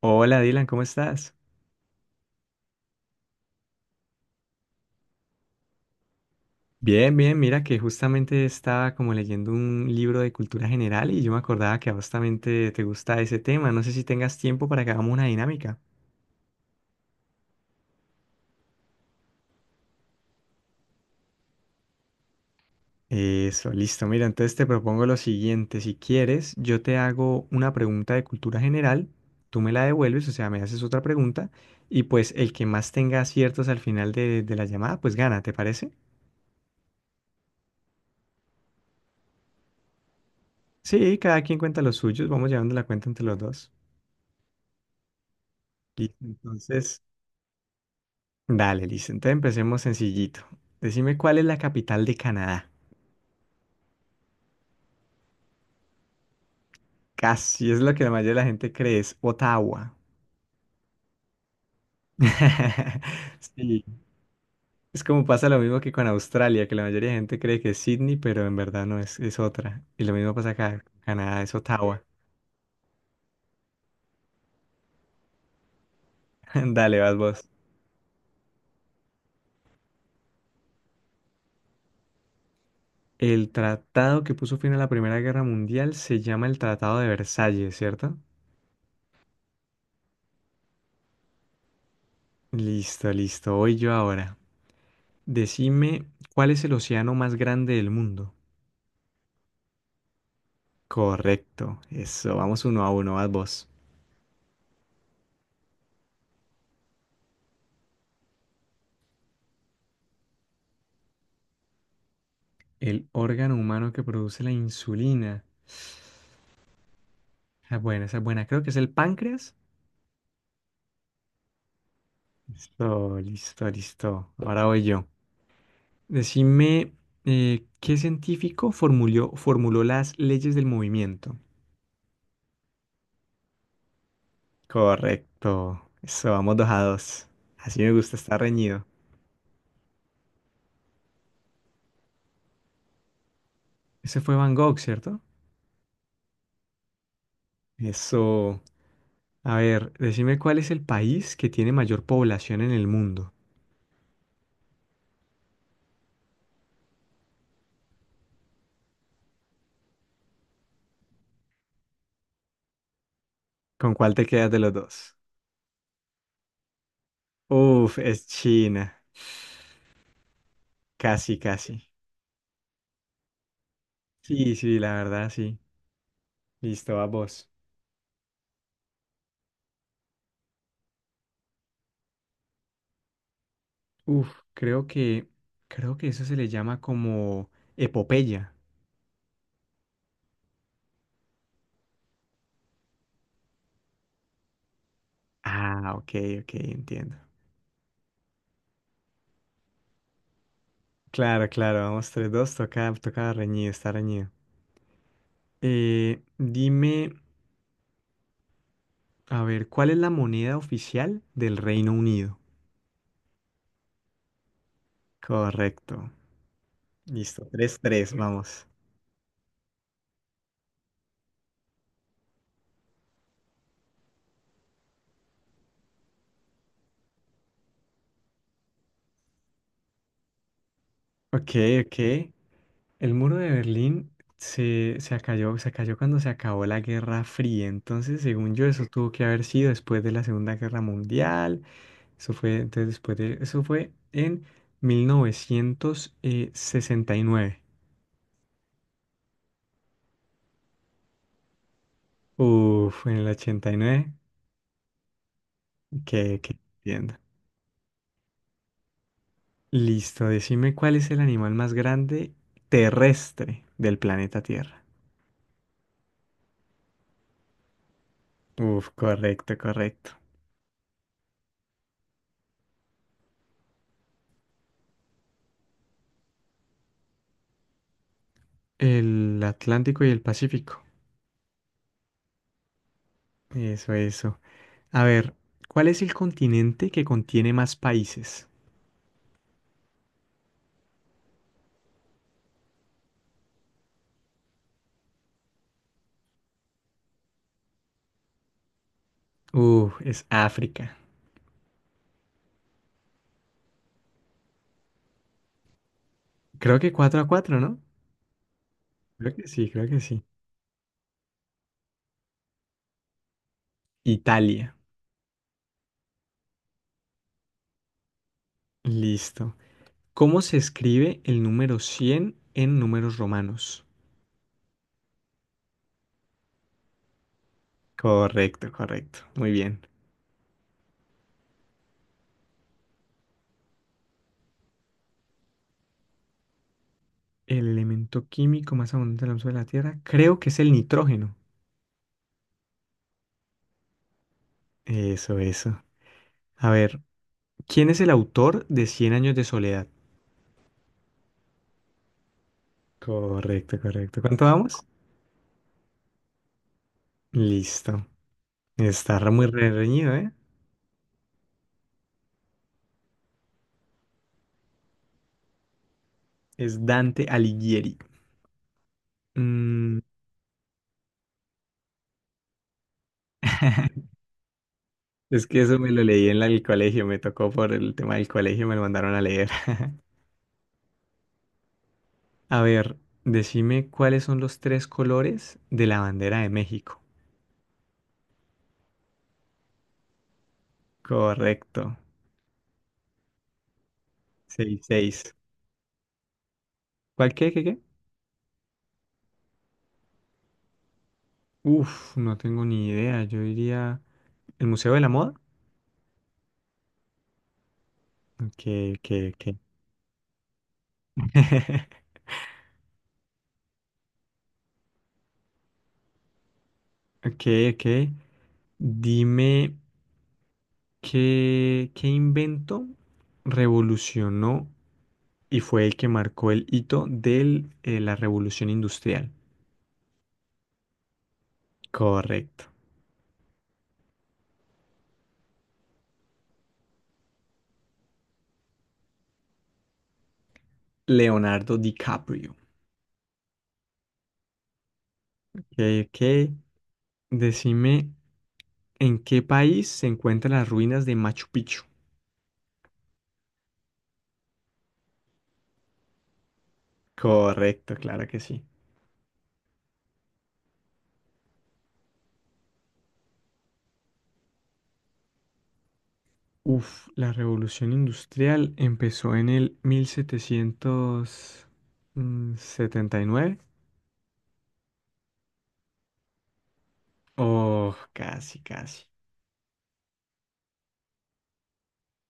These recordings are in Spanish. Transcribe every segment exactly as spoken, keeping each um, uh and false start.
Hola Dylan, ¿cómo estás? Bien, bien, mira que justamente estaba como leyendo un libro de cultura general y yo me acordaba que a vos también te, te gusta ese tema. No sé si tengas tiempo para que hagamos una dinámica. Eso, listo. Mira, entonces te propongo lo siguiente. Si quieres, yo te hago una pregunta de cultura general, tú me la devuelves, o sea, me haces otra pregunta y pues el que más tenga aciertos al final de, de la llamada, pues gana, ¿te parece? Sí, cada quien cuenta los suyos, vamos llevando la cuenta entre los dos. Listo, entonces... Dale, listo. Entonces empecemos sencillito. Decime cuál es la capital de Canadá. Casi es lo que la mayoría de la gente cree, es Ottawa. Sí, es como pasa lo mismo que con Australia, que la mayoría de gente cree que es Sydney, pero en verdad no es, es otra. Y lo mismo pasa acá, Canadá es Ottawa. Dale, vas vos. El tratado que puso fin a la Primera Guerra Mundial se llama el Tratado de Versalles, ¿cierto? Listo, listo. Voy yo ahora. Decime cuál es el océano más grande del mundo. Correcto, eso, vamos uno a uno, a vos. El órgano humano que produce la insulina. Esa es buena, esa es buena, creo que es el páncreas. Listo, listo, listo. Ahora voy yo. Decime, eh, ¿qué científico formuló, formuló las leyes del movimiento? Correcto, eso, vamos dos a dos. Así me gusta, estar reñido. Ese fue Van Gogh, ¿cierto? Eso. A ver, decime cuál es el país que tiene mayor población en el mundo. ¿Con cuál te quedas de los dos? Uf, es China. Casi, casi. Sí, sí, la verdad, sí. Listo, a vos. Uf, creo que, creo que eso se le llama como epopeya. Ah, ok, ok, entiendo. Claro, claro, vamos tres dos, toca, toca reñido, está reñido. Eh, dime, a ver, ¿cuál es la moneda oficial del Reino Unido? Correcto. Listo, tres tres, vamos. Ok, ok. El muro de Berlín se, se cayó, se cayó cuando se acabó la Guerra Fría. Entonces, según yo, eso tuvo que haber sido después de la Segunda Guerra Mundial. Eso fue, entonces, después de, eso fue en mil novecientos sesenta y nueve. Uf, en el ochenta y nueve. Que, que entiendo. Listo, decime cuál es el animal más grande terrestre del planeta Tierra. Uf, correcto, correcto. El Atlántico y el Pacífico. Eso, eso. A ver, ¿cuál es el continente que contiene más países? Uh, es África. Creo que cuatro a cuatro, ¿no? Creo que sí, creo que sí. Italia. Listo. ¿Cómo se escribe el número cien en números romanos? Correcto, correcto. Muy bien. El elemento químico más abundante en la de la Tierra, creo que es el nitrógeno. Eso, eso. A ver, ¿quién es el autor de Cien años de soledad? Correcto, correcto. ¿Cuánto vamos? Listo. Está re- muy re- reñido, ¿eh? Es Dante Alighieri. Mm, es que eso me lo leí en la- el colegio, me tocó por el tema del colegio, me lo mandaron a leer. A ver, decime cuáles son los tres colores de la bandera de México. Correcto. Seis seis. ¿Cuál qué, qué, qué? Uf, no tengo ni idea. Yo diría... ¿El Museo de la Moda? Ok, ok, ok. Ok, ok. Dime... ¿Qué, qué invento revolucionó y fue el que marcó el hito de la revolución industrial? Correcto. Leonardo DiCaprio. Ok, ok. Decime, ¿en qué país se encuentran las ruinas de Machu Picchu? Correcto, claro que sí. Uf, la revolución industrial empezó en el mil setecientos setenta y nueve. Oh, casi, casi.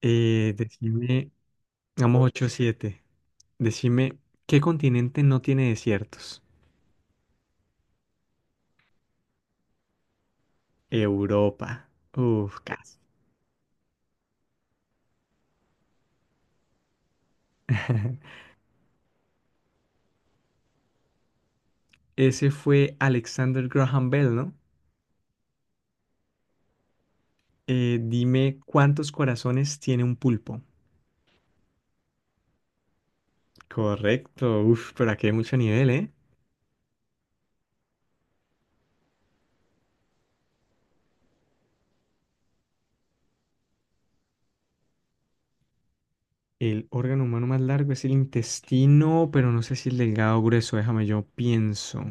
Eh, decime, vamos ocho siete. Decime, ¿qué continente no tiene desiertos? Europa. Uf, casi. Ese fue Alexander Graham Bell, ¿no? Eh, dime, ¿cuántos corazones tiene un pulpo? Correcto. Uf, pero aquí hay mucho nivel, ¿eh? El órgano humano más largo es el intestino, pero no sé si el delgado o grueso. Déjame, yo pienso.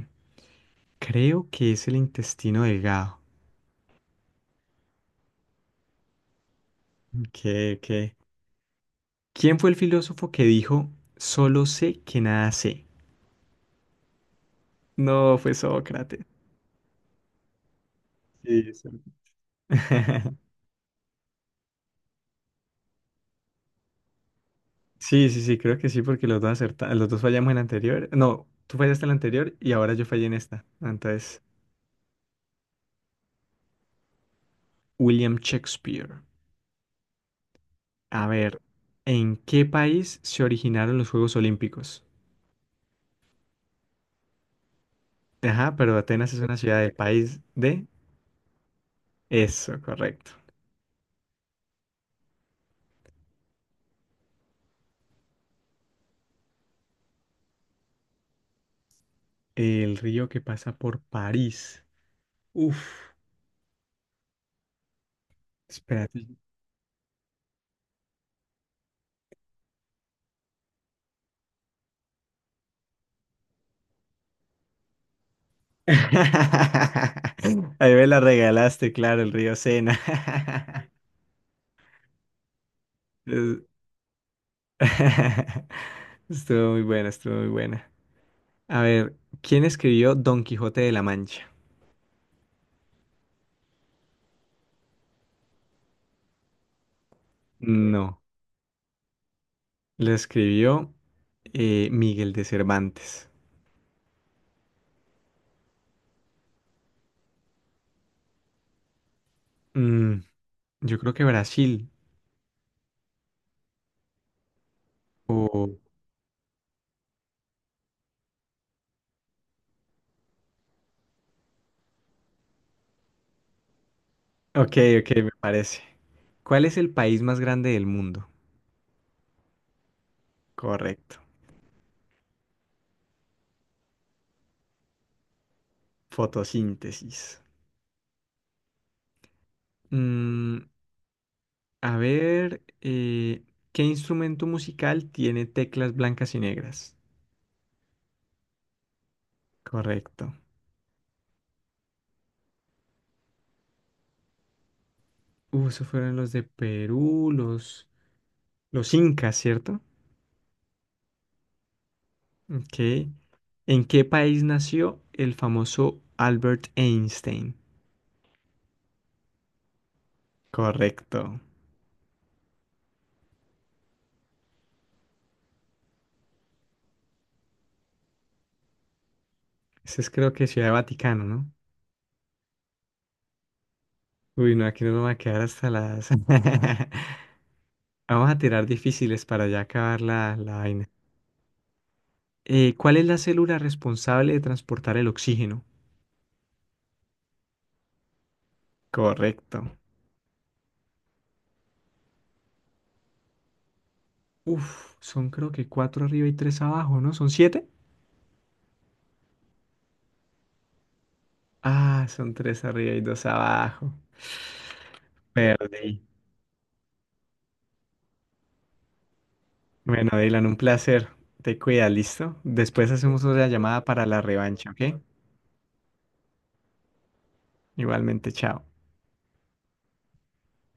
Creo que es el intestino delgado. Ok, ok. ¿Quién fue el filósofo que dijo, solo sé que nada sé? No, fue Sócrates. Sí, sí. Sí, sí, sí, creo que sí, porque los dos acerta- los dos fallamos en la anterior. No, tú fallaste en la anterior y ahora yo fallé en esta. Entonces, William Shakespeare. A ver, ¿en qué país se originaron los Juegos Olímpicos? Ajá, pero Atenas es una ciudad del país de... Eso, correcto. El río que pasa por París. Uf, espérate. Ahí me la regalaste, claro, el río Sena. Es- Estuvo muy buena, estuvo muy buena. A ver, ¿quién escribió Don Quijote de la Mancha? No, lo escribió eh, Miguel de Cervantes. Mm, yo creo que Brasil. O- Ok, ok, me parece. ¿Cuál es el país más grande del mundo? Correcto. Fotosíntesis. Mm, a ver, eh, ¿qué instrumento musical tiene teclas blancas y negras? Correcto. Uh, esos fueron los de Perú, los, los incas, ¿cierto? Ok. ¿En qué país nació el famoso Albert Einstein? Correcto. Ese es creo que Ciudad Vaticano, ¿no? Uy, no, aquí no nos va a quedar hasta las... Vamos a tirar difíciles para ya acabar la, la vaina. Eh, ¿cuál es la célula responsable de transportar el oxígeno? Correcto. Uf, son creo que cuatro arriba y tres abajo, ¿no? ¿Son siete? Ah, son tres arriba y dos abajo. Perdí. Bueno, Dylan, un placer. Te cuidas, ¿listo? Después hacemos otra llamada para la revancha, ¿ok? Igualmente, chao.